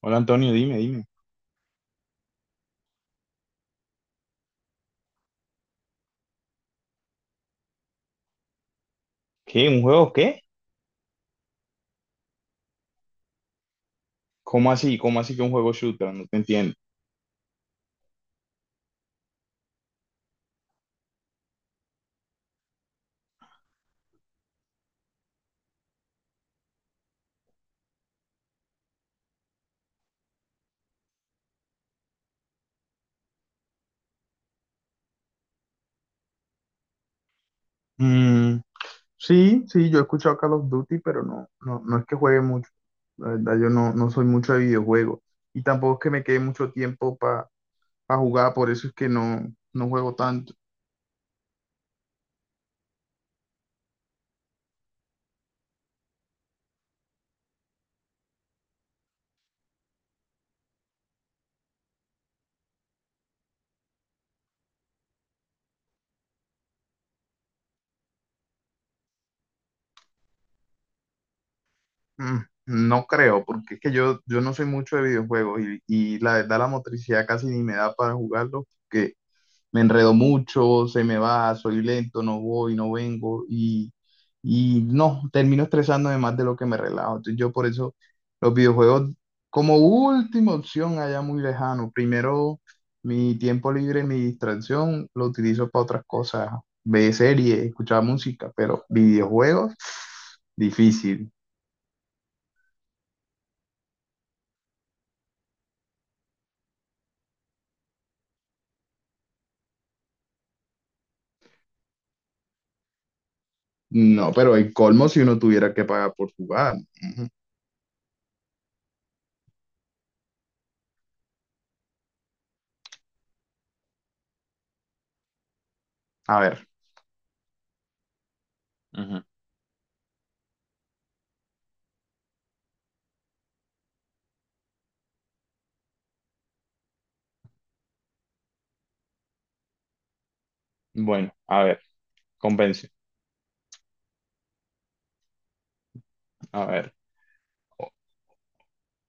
Hola, Antonio, dime, dime. ¿Qué? ¿Un juego qué? ¿Cómo así? ¿Cómo así que un juego shooter? No te entiendo. Mm, sí, sí, yo he escuchado Call of Duty, pero no, no, no es que juegue mucho. La verdad, yo no, no soy mucho de videojuegos. Y tampoco es que me quede mucho tiempo para jugar, por eso es que no, no juego tanto. Mm, no creo, porque es que yo no soy mucho de videojuegos y la verdad la motricidad casi ni me da para jugarlo, me enredo mucho, se me va, soy lento, no voy, no vengo y no, termino estresándome más de lo que me relajo. Entonces yo por eso los videojuegos como última opción allá muy lejano. Primero mi tiempo libre, mi distracción, lo utilizo para otras cosas, ver series, escuchar música, pero videojuegos, difícil. No, pero el colmo si uno tuviera que pagar por jugar. Ujú. A ver, bueno, a ver, convence, a ver.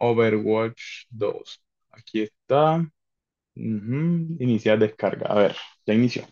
Overwatch dos. Aquí está. Ujú, iniciar descarga. A ver, ya inició.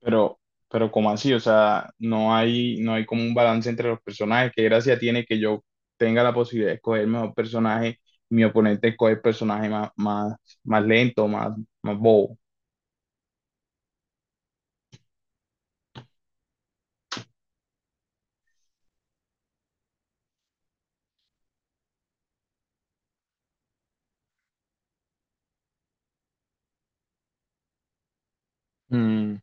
Pero, pero ¿cómo así? O sea, no hay, no hay como un balance entre los personajes. ¿Qué gracia tiene que yo tenga la posibilidad de escoger el mejor personaje y mi oponente escoge el personaje más, más, más lento, más, más bobo? Mm,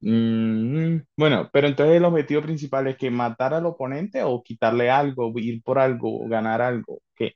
mm, bueno, pero entonces el objetivo principal es que matar al oponente o quitarle algo, ir por algo, ganar algo. ¿Qué?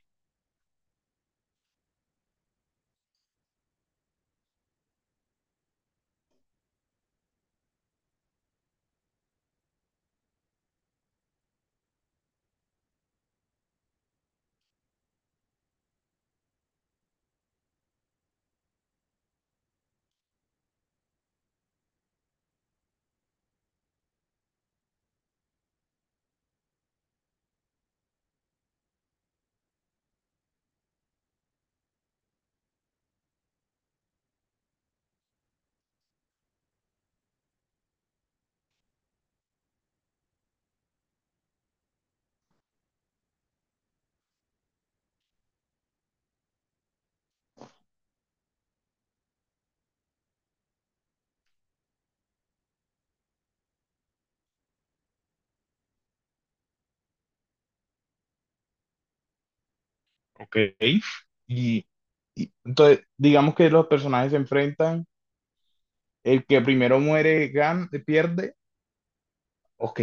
Ok. Y, y entonces, digamos que los personajes se enfrentan, el que primero muere gan pierde, ok.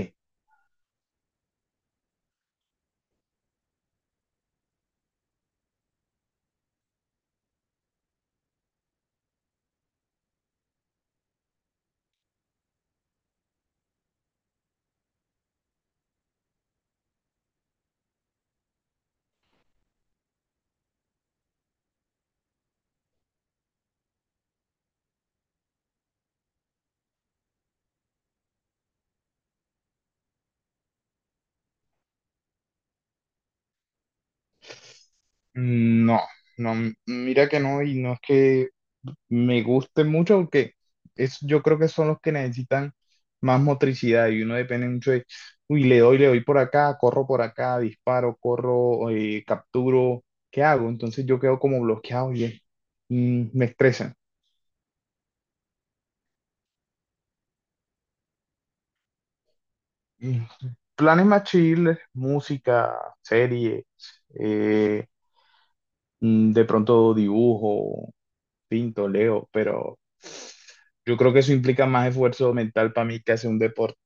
No, no, mira que no, y no es que me guste mucho, porque es, yo creo que son los que necesitan más motricidad y uno depende mucho de, uy, le doy por acá, corro por acá, disparo, corro, capturo, ¿qué hago? Entonces yo quedo como bloqueado y es- mm, me estresa. Y planes más chill, música, series, eh, mm, de pronto dibujo, pinto, leo, pero yo creo que eso implica más esfuerzo mental para mí que hacer un deporte.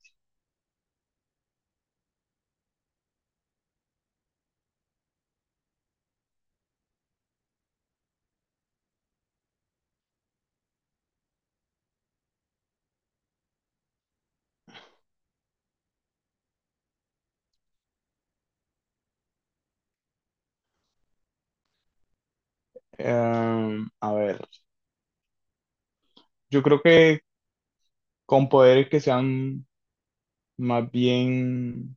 A ver, yo creo que con poderes que sean más bien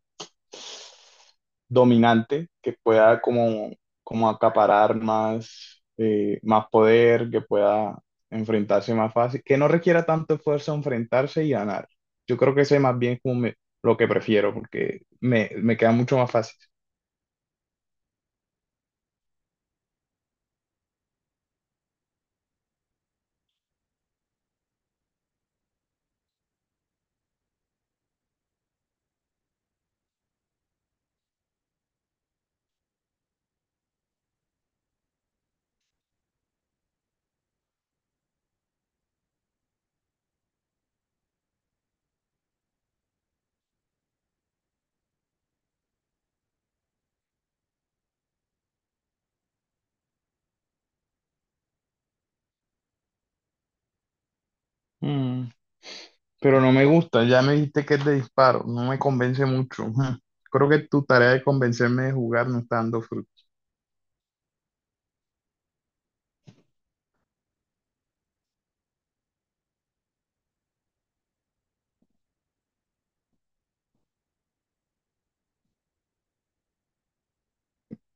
dominante que pueda como, como acaparar más, más poder, que pueda enfrentarse más fácil, que no requiera tanto esfuerzo enfrentarse y ganar. Yo creo que ese más bien es como me- lo que prefiero, porque me queda mucho más fácil. Mm, pero no me gusta, ya me dijiste que es de disparo, no me convence mucho. Mm, creo que tu tarea de convencerme de jugar no está dando fruto.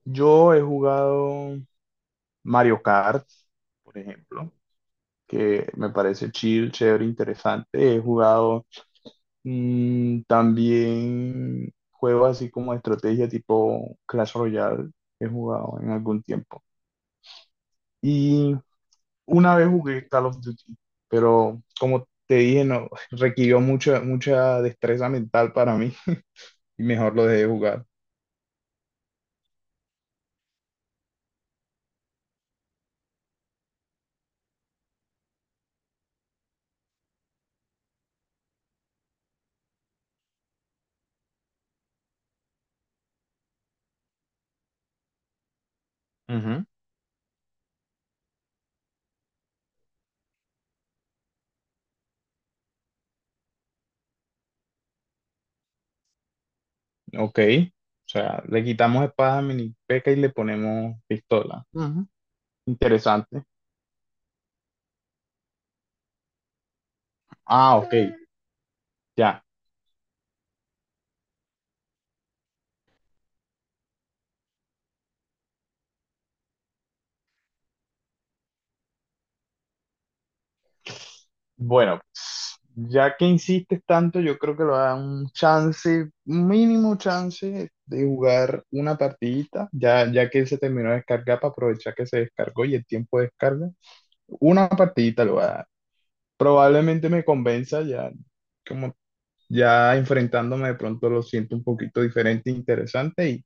Yo he jugado Mario Kart, por ejemplo. Que me parece chill, chévere, interesante. He jugado mm, también juegos así como de estrategia tipo Clash Royale, he jugado en algún tiempo. Y una vez jugué Call of Duty, pero como te dije, no, requirió mucha, mucha destreza mental para mí y mejor lo dejé de jugar. Ujú. Ok, o sea, le quitamos espada a Mini P.E.K.K.A y le ponemos pistola. Ujú. Interesante. Ah, ok, ya. Bueno, pues, ya que insistes tanto, yo creo que lo da un chance, un mínimo chance de jugar una partidita, ya, ya que él se terminó de descargar para aprovechar que se descargó y el tiempo de descarga. Una partidita lo va a dar. Probablemente me convenza ya, como ya enfrentándome de pronto lo siento un poquito diferente, interesante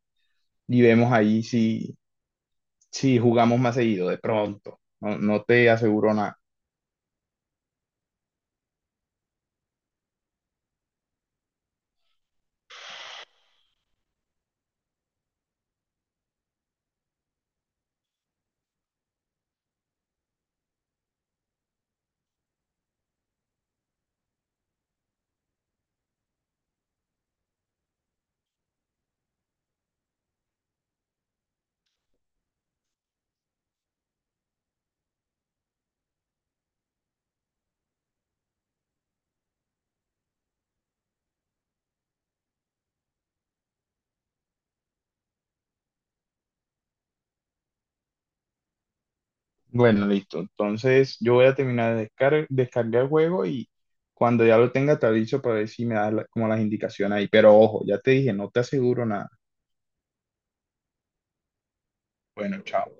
y vemos ahí si, si jugamos más seguido de pronto. No, no te aseguro. Bueno, listo. Entonces yo voy a terminar de descar- descargar el juego y cuando ya lo tenga te aviso para ver si me da la- como las indicaciones ahí. Pero ojo, ya te dije, no te aseguro nada. Bueno, chao.